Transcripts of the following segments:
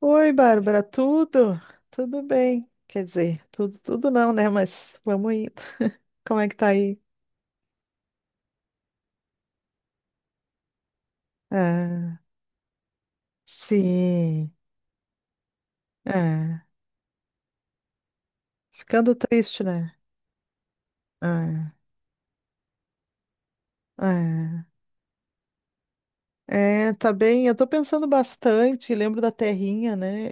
Oi, Bárbara, tudo? Tudo bem? Quer dizer, tudo, tudo não, né? Mas vamos indo. Como é que tá aí? Ah, sim. Ah, ficando triste, né? Ah, ah. É, tá bem. Eu tô pensando bastante, lembro da terrinha, né?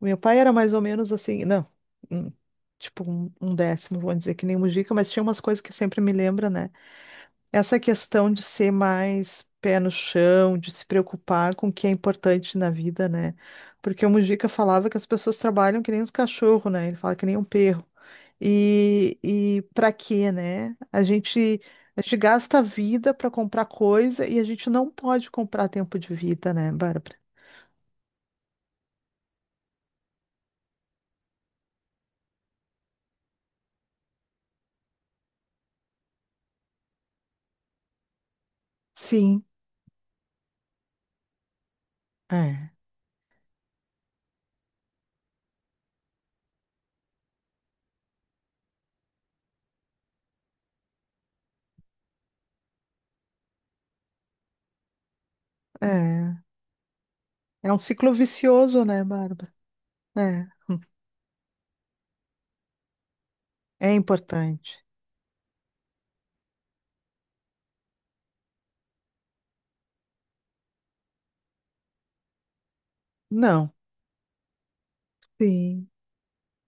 O meu pai era mais ou menos assim, não, hum, tipo um décimo, vou dizer que nem Mujica, mas tinha umas coisas que sempre me lembra, né? Essa questão de ser mais pé no chão, de se preocupar com o que é importante na vida, né? Porque o Mujica falava que as pessoas trabalham que nem os cachorros, né? Ele fala que nem um perro. E para quê, né? A gente gasta a vida para comprar coisa e a gente não pode comprar tempo de vida, né, Bárbara? Sim, é, é. É um ciclo vicioso, né, Bárbara? É, é importante. Não, sim.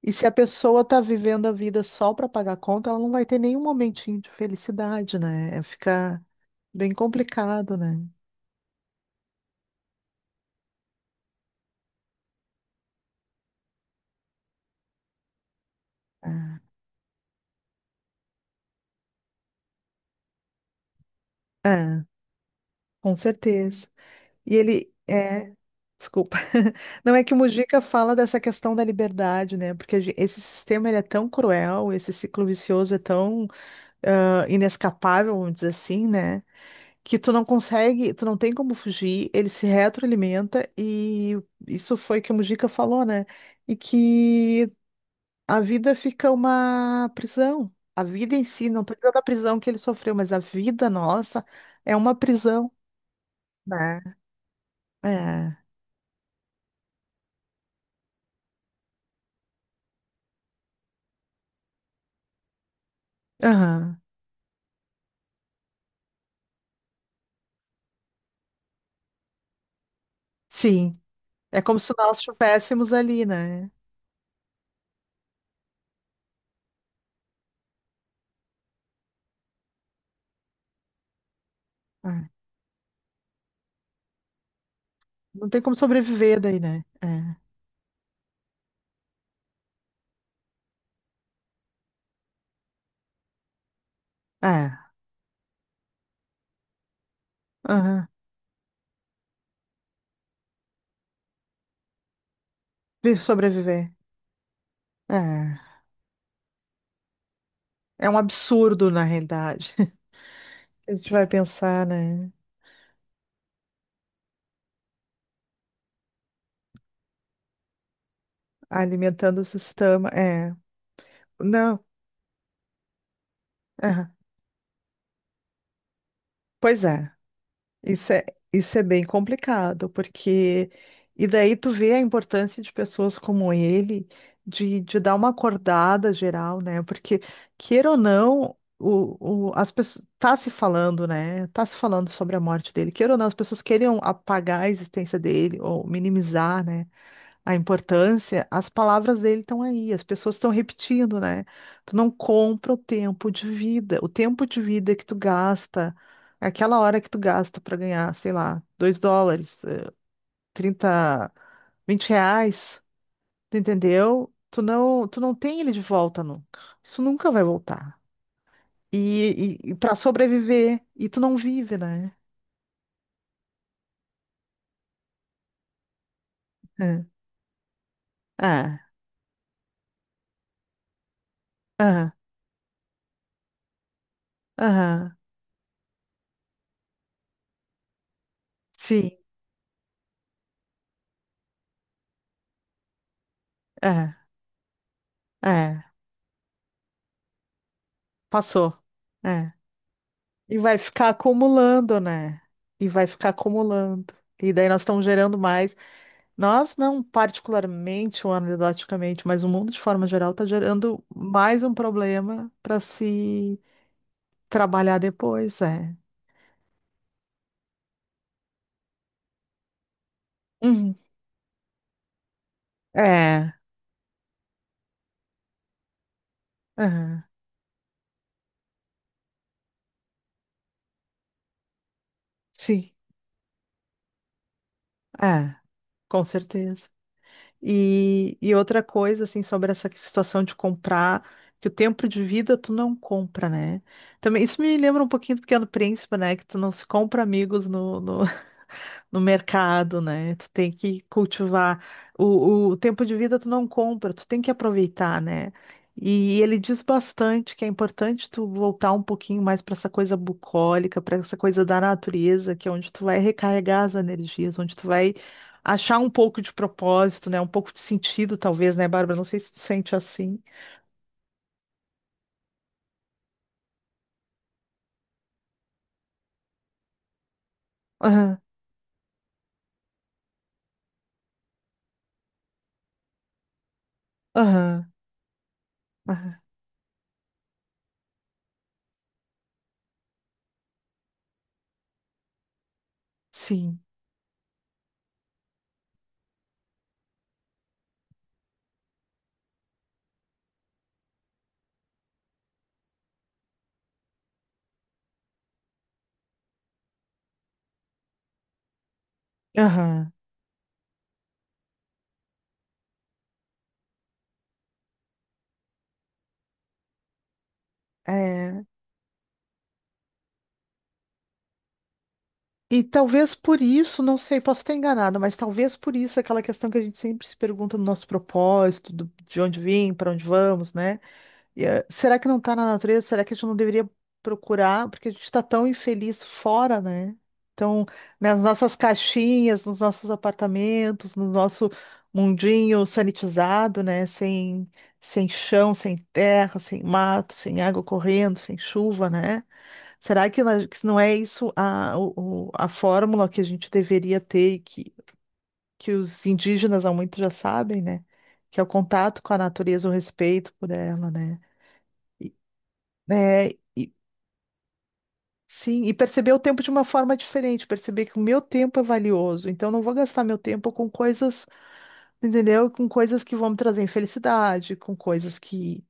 E se a pessoa está vivendo a vida só para pagar conta, ela não vai ter nenhum momentinho de felicidade, né? É, fica bem complicado, né? É, é, com certeza. E ele é, desculpa. Não é que o Mujica fala dessa questão da liberdade, né? Porque a gen- esse sistema ele é tão cruel, esse ciclo vicioso é tão inescapável, vamos dizer assim, né? Que tu não consegue, tu não tem como fugir, ele se retroalimenta e isso foi que o Mujica falou, né? E que a vida fica uma prisão. A vida em si, não precisa da prisão que ele sofreu, mas a vida nossa é uma prisão, né? É. Aham. Sim. É como se nós estivéssemos ali, né? É. Não tem como sobreviver daí, né? É. É. Aham. Vi- sobreviver. É. É um absurdo, na realidade. A gente vai pensar, né? Alimentando o sistema, é. Não, é. Pois é. Isso é, isso é bem complicado, porque. E daí tu vê a importância de pessoas como ele, de dar uma acordada geral, né? Porque, queira ou não, as pessoas. Tá se falando, né? Tá se falando sobre a morte dele. Queira ou não, as pessoas queriam apagar a existência dele, ou minimizar, né? A importância, as palavras dele estão aí, as pessoas estão repetindo, né? Tu não compra o tempo de vida, o tempo de vida que tu gasta, aquela hora que tu gasta para ganhar, sei lá, US$ 2, 30, R$ 20, tu entendeu? Tu não tem ele de volta nunca. Isso nunca vai voltar. E para sobreviver, e tu não vive, né? É. Ah, ah, ah, sim, é, é, passou. É. E vai ficar acumulando, né? E vai ficar acumulando. E daí nós estamos gerando mais. Nós não particularmente ou anedoticamente, mas o mundo de forma geral está gerando mais um problema para se trabalhar depois, é. Uhum. É, aham, sim, é, com certeza. E outra coisa, assim, sobre essa situação de comprar, que o tempo de vida tu não compra, né? Também, isso me lembra um pouquinho do Pequeno Príncipe, né? Que tu não se compra amigos no mercado, né? Tu tem que cultivar. O tempo de vida tu não compra, tu tem que aproveitar, né? E ele diz bastante que é importante tu voltar um pouquinho mais para essa coisa bucólica, para essa coisa da natureza, que é onde tu vai recarregar as energias, onde tu vai achar um pouco de propósito, né? Um pouco de sentido, talvez, né, Bárbara? Não sei se tu sente assim. Aham, aham, aham, sim, aham, é. E talvez por isso, não sei, posso estar enganada, mas talvez por isso aquela questão que a gente sempre se pergunta no nosso propósito, do- de onde vim, para onde vamos, né? E, eh, será que não está na natureza? Será que a gente não deveria procurar? Porque a gente está tão infeliz fora, né? Então, nas nossas caixinhas, nos nossos apartamentos, no nosso mundinho sanitizado, né? Sem, sem chão, sem terra, sem mato, sem água correndo, sem chuva, né? Será que, na- que não é isso a, o- a fórmula que a gente deveria ter e que os indígenas há muito já sabem, né? Que é o contato com a natureza, o respeito por ela, né? É, e- sim, e perceber o tempo de uma forma diferente, perceber que o meu tempo é valioso, então eu não vou gastar meu tempo com coisas, entendeu? Com coisas que vão me trazer infelicidade, com coisas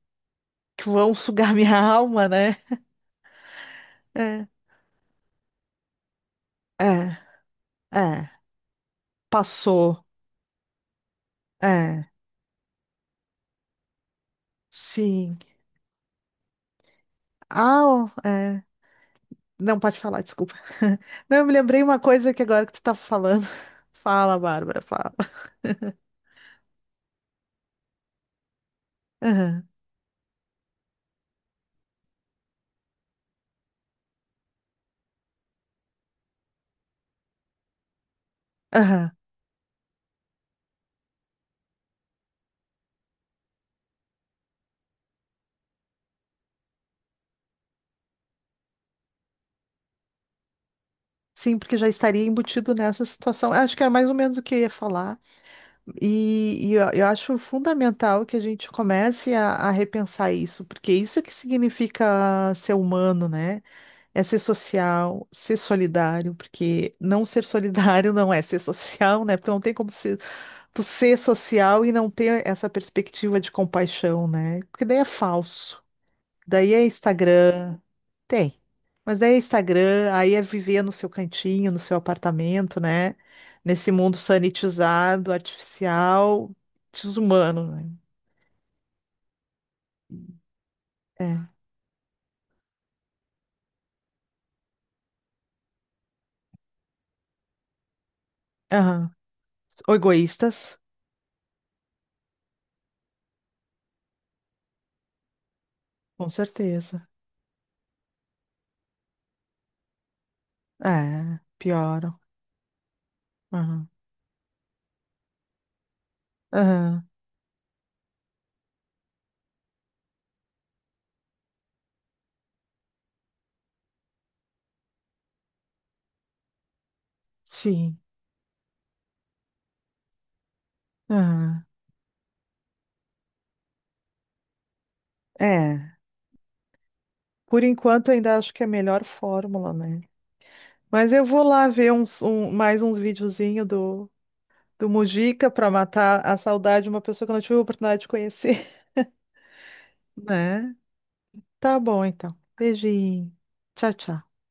que vão sugar minha alma, né? É, é, é, passou, é, sim. Ah, ó, é. Não, pode falar, desculpa. Não, eu me lembrei uma coisa que agora que tu tá falando. Fala, Bárbara, fala. Aham, aham. Sim, porque já estaria embutido nessa situação. Acho que era mais ou menos o que eu ia falar. E eu acho fundamental que a gente comece a repensar isso, porque isso é que significa ser humano, né? É ser social, ser solidário, porque não ser solidário não é ser social, né? Porque não tem como ser, tu ser social e não ter essa perspectiva de compaixão, né? Porque daí é falso. Daí é Instagram. Tem. Mas daí é Instagram, aí é viver no seu cantinho, no seu apartamento, né? Nesse mundo sanitizado, artificial, desumano, né? É. Aham. Ou egoístas, com certeza. É, pioram. Aham. Aham. Sim. Aham. É. Por enquanto, ainda acho que é a melhor fórmula, né? Mas eu vou lá ver uns, um- mais uns videozinhos do Mujica para matar a saudade de uma pessoa que eu não tive a oportunidade de conhecer, né? Tá bom, então. Beijinho. Tchau, tchau.